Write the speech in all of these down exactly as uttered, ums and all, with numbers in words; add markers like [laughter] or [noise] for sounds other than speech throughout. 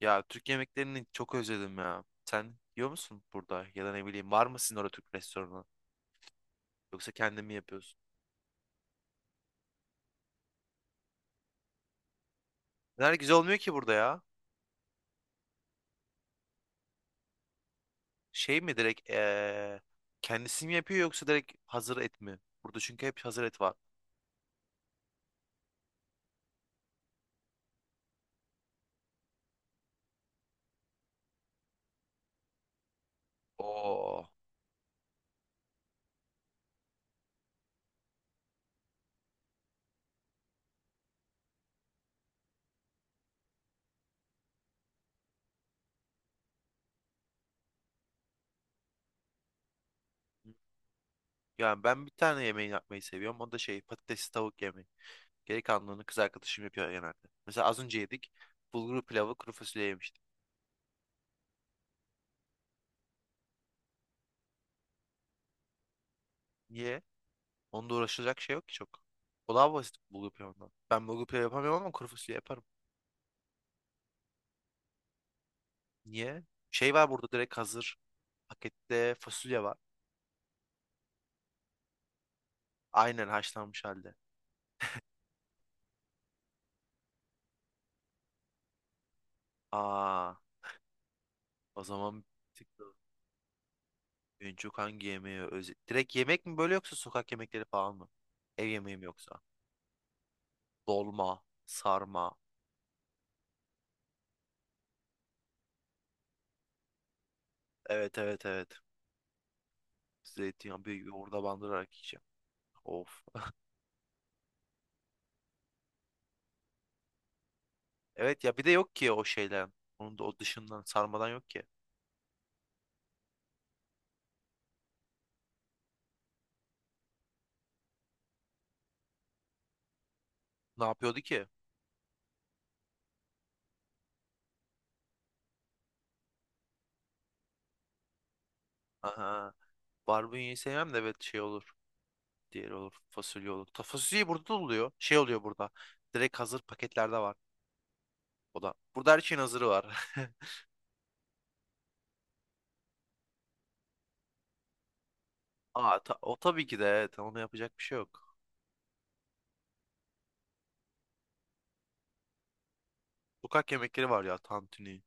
Ya Türk yemeklerini çok özledim ya. Sen yiyor musun burada? Ya da ne bileyim, var mı sizin orada Türk restoranı? Yoksa kendin mi yapıyorsun? Neler güzel olmuyor ki burada ya. Şey mi direkt eee kendisi mi yapıyor yoksa direkt hazır et mi? Burada çünkü hep hazır et var. Oo. Yani ben bir tane yemeği yapmayı seviyorum. O da şey patatesli tavuk yemeği. Geri kalanını kız arkadaşım yapıyor genelde. Mesela az önce yedik. Bulgur pilavı kuru fasulye yemiştik. Niye? Onda uğraşılacak şey yok ki çok. O daha basit bulgur pilavından. Ben bulgur pilavı yapamıyorum ama kuru fasulye yaparım. Niye? Şey var burada direkt hazır. Pakette fasulye var. Aynen haşlanmış halde. Aa, o zaman bir tık da en çok hangi yemeği özel... direkt yemek mi böyle yoksa sokak yemekleri falan mı? Ev yemeği mi yoksa? Dolma, sarma. Evet, evet, evet. Zeytinyağı bir yoğurda bandırarak yiyeceğim. Of. [laughs] Evet ya, bir de yok ki o şeyden. Onun da o dışından sarmadan yok ki. Ne yapıyordu ki? Aha. Barbunya'yı sevmem de, evet, şey olur. Diğeri olur. Fasulye olur. Ta fasulyeyi burada da oluyor. Şey oluyor burada. Direkt hazır paketlerde var. O da. Burada her şeyin hazırı var. [laughs] Aa, ta- o tabii ki de, evet. Ona yapacak bir şey yok. Sokak yemekleri var ya. Tantuni,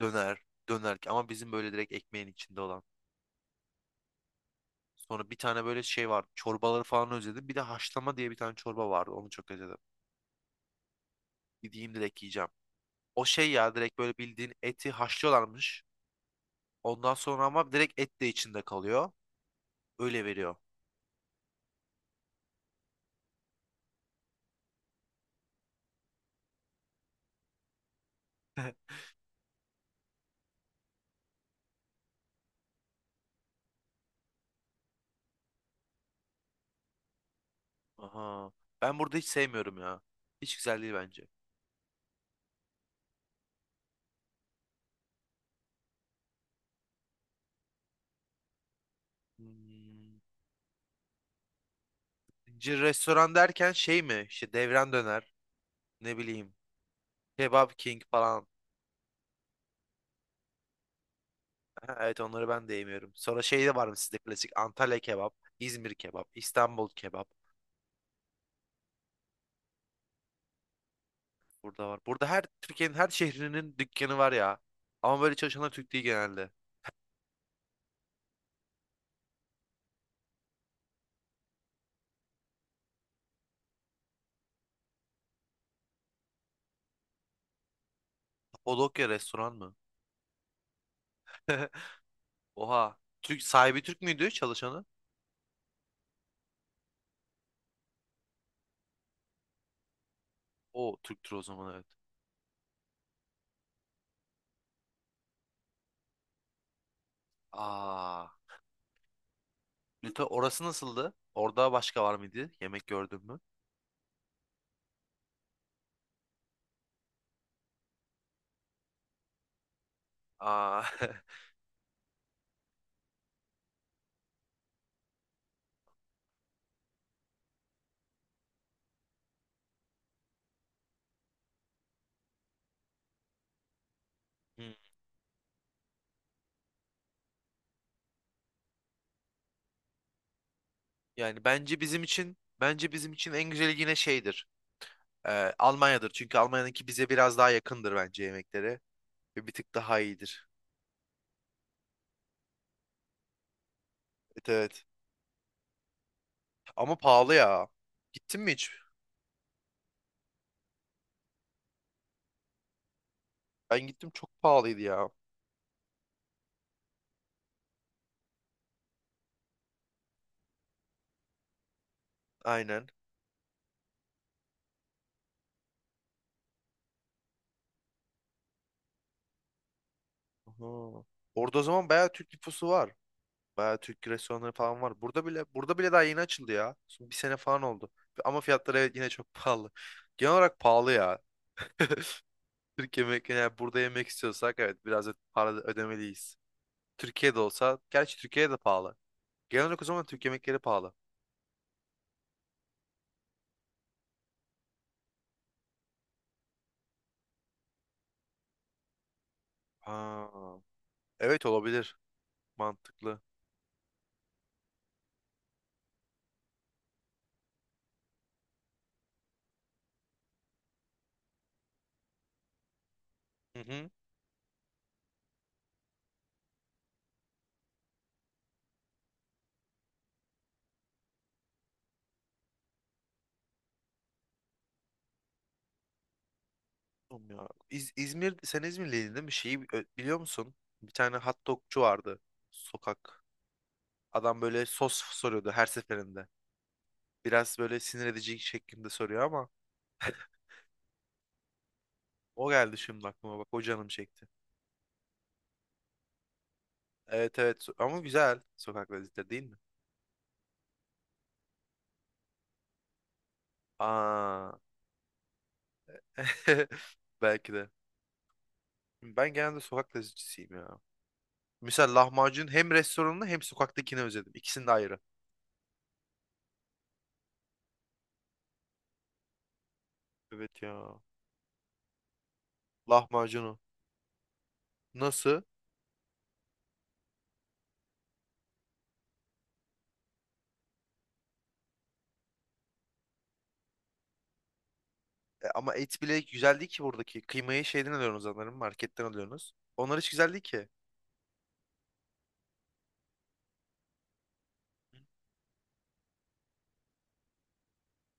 döner, döner. Ama bizim böyle direkt ekmeğin içinde olan. Sonra bir tane böyle şey var. Çorbaları falan özledim. Bir de haşlama diye bir tane çorba vardı. Onu çok özledim. Gideyim direkt yiyeceğim. O şey ya, direkt böyle bildiğin eti haşlıyorlarmış. Ondan sonra ama direkt et de içinde kalıyor. Öyle veriyor. Aha. Ben burada hiç sevmiyorum ya. Hiç güzel değil bence. Hmm. C- Restoran derken şey mi? İşte devran döner. Ne bileyim. Kebap King falan. Ha, evet, onları ben de yemiyorum. Sonra şey de var mı sizde klasik? Antalya kebap, İzmir kebap, İstanbul kebap. Burada var. Burada her Türkiye'nin her şehrinin dükkanı var ya. Ama böyle çalışanlar Türk değil genelde. Kapadokya restoran mı? [laughs] Oha. Türk, sahibi Türk müydü, çalışanı? O Türktür o zaman, evet. Aa. Lütfen, orası nasıldı? Orada başka var mıydı? Yemek gördün mü? Aa, [laughs] hmm. Yani bence bizim için bence bizim için en güzeli yine şeydir. Ee, Almanya'dır. Çünkü Almanya'daki bize biraz daha yakındır bence yemekleri. Ve bir tık daha iyidir. Evet, evet. Ama pahalı ya. Gittin mi hiç? Ben gittim, çok pahalıydı ya. Aynen. Aha. Orada o zaman bayağı Türk nüfusu var. Bayağı Türk restoranları falan var. Burada bile burada bile daha yeni açıldı ya. Şimdi bir sene falan oldu. Ama fiyatları, evet, yine çok pahalı. Genel olarak pahalı ya. Türk yemekleri, yani burada yemek istiyorsak evet biraz da para ödemeliyiz. Türkiye'de olsa, gerçi Türkiye'de de pahalı. Genel olarak o zaman Türk yemekleri pahalı. Ha, evet olabilir. Mantıklı. Hı hı. Oğlum ya. İz- İzmir, sen İzmirliydin değil mi? Şeyi ö- biliyor musun? Bir tane hot dogçu vardı. Sokak. Adam böyle sos soruyordu her seferinde. Biraz böyle sinir edici şeklinde soruyor ama o geldi şimdi aklıma, bak o canım çekti. Evet, evet, so, ama güzel sokak lezzetleri değil mi? Aa. [laughs] Belki de. Ben genelde sokak lezzetçisiyim ya. Mesela lahmacun hem restoranını hem sokaktakini özledim. İkisini de ayrı. Evet ya. Lahmacunu. Nasıl? E, ama et bile güzel değil ki buradaki. Kıymayı şeyden alıyorsunuz sanırım. Marketten alıyorsunuz. Onlar hiç güzel değil ki.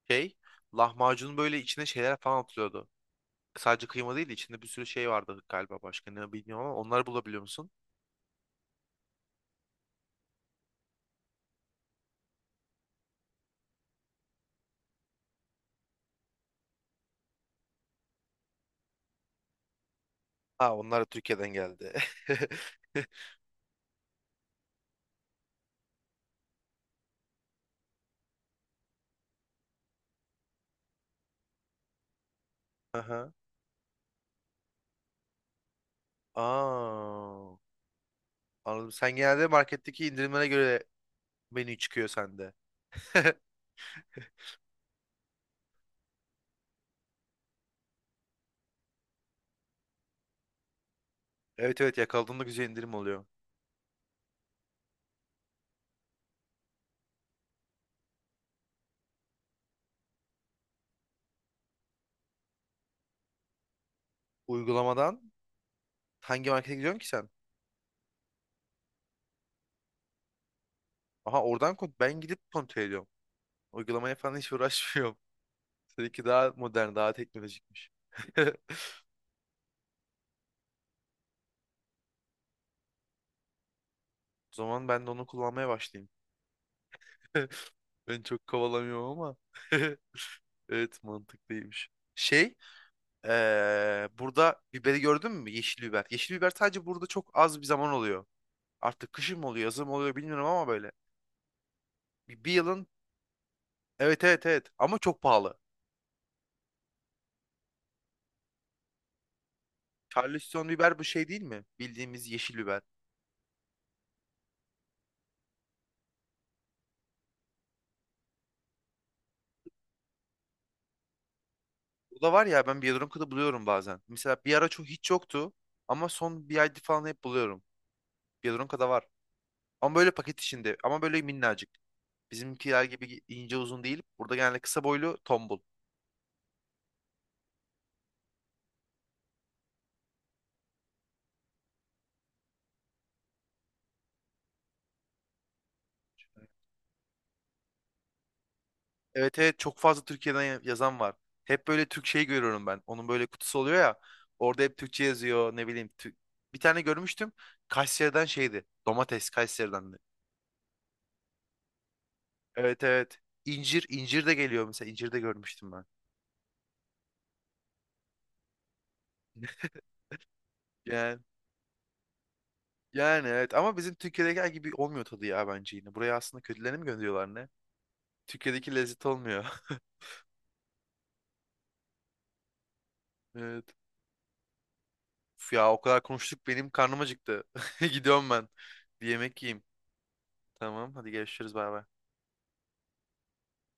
Şey, lahmacunun böyle içine şeyler falan atılıyordu. Sadece kıyma değil de içinde bir sürü şey vardı galiba, başka ne bilmiyorum ama onları bulabiliyor musun? Ha, onlar da Türkiye'den geldi. [laughs] Aha. Aa, anladım. Sen genelde marketteki indirimlere göre menü çıkıyor sende. [laughs] Evet, evet, yakaladığında güzel indirim oluyor. Uygulamadan hangi markete gidiyorsun ki sen? Aha, oradan kont ben gidip kontrol ediyorum. Uygulamaya falan hiç uğraşmıyorum. [laughs] Seninki daha modern, daha teknolojikmiş. [laughs] O zaman ben de onu kullanmaya başlayayım. [laughs] Ben çok kovalamıyorum ama. [laughs] Evet, mantıklıymış. Şey, eee, burada biberi gördün mü? Yeşil biber. Yeşil biber sadece burada çok az bir zaman oluyor. Artık kışın mı oluyor, yazın mı oluyor bilmiyorum ama böyle. Bir, bir yılın. Evet, evet, evet, ama çok pahalı. Charleston biber bu şey değil mi? Bildiğimiz yeşil biber. Bu da var ya, ben Biyedonka'da buluyorum bazen. Mesela bir ara çok hiç yoktu ama son bir ayda falan hep buluyorum. Biyedonka'da var. Ama böyle paket içinde, ama böyle minnacık. Bizimkiler gibi ince uzun değil. Burada genelde kısa boylu tombul. Evet, evet, çok fazla Türkiye'den ya- yazan var. Hep böyle Türk şey görüyorum ben. Onun böyle kutusu oluyor ya. Orada hep Türkçe yazıyor, ne bileyim. Tü- Bir tane görmüştüm. Kayseri'den şeydi. Domates Kayseri'den. Evet, evet. İncir, incir de geliyor mesela. İncir de görmüştüm ben. Yani, yani evet, ama bizim Türkiye'deki gibi olmuyor tadı ya bence yine. Buraya aslında kötülerini mi gönderiyorlar ne? Türkiye'deki lezzet olmuyor. [laughs] Evet. Uf ya, o kadar konuştuk benim karnım acıktı. [laughs] Gidiyorum ben. Bir yemek yiyeyim. Tamam hadi, görüşürüz, bay bay.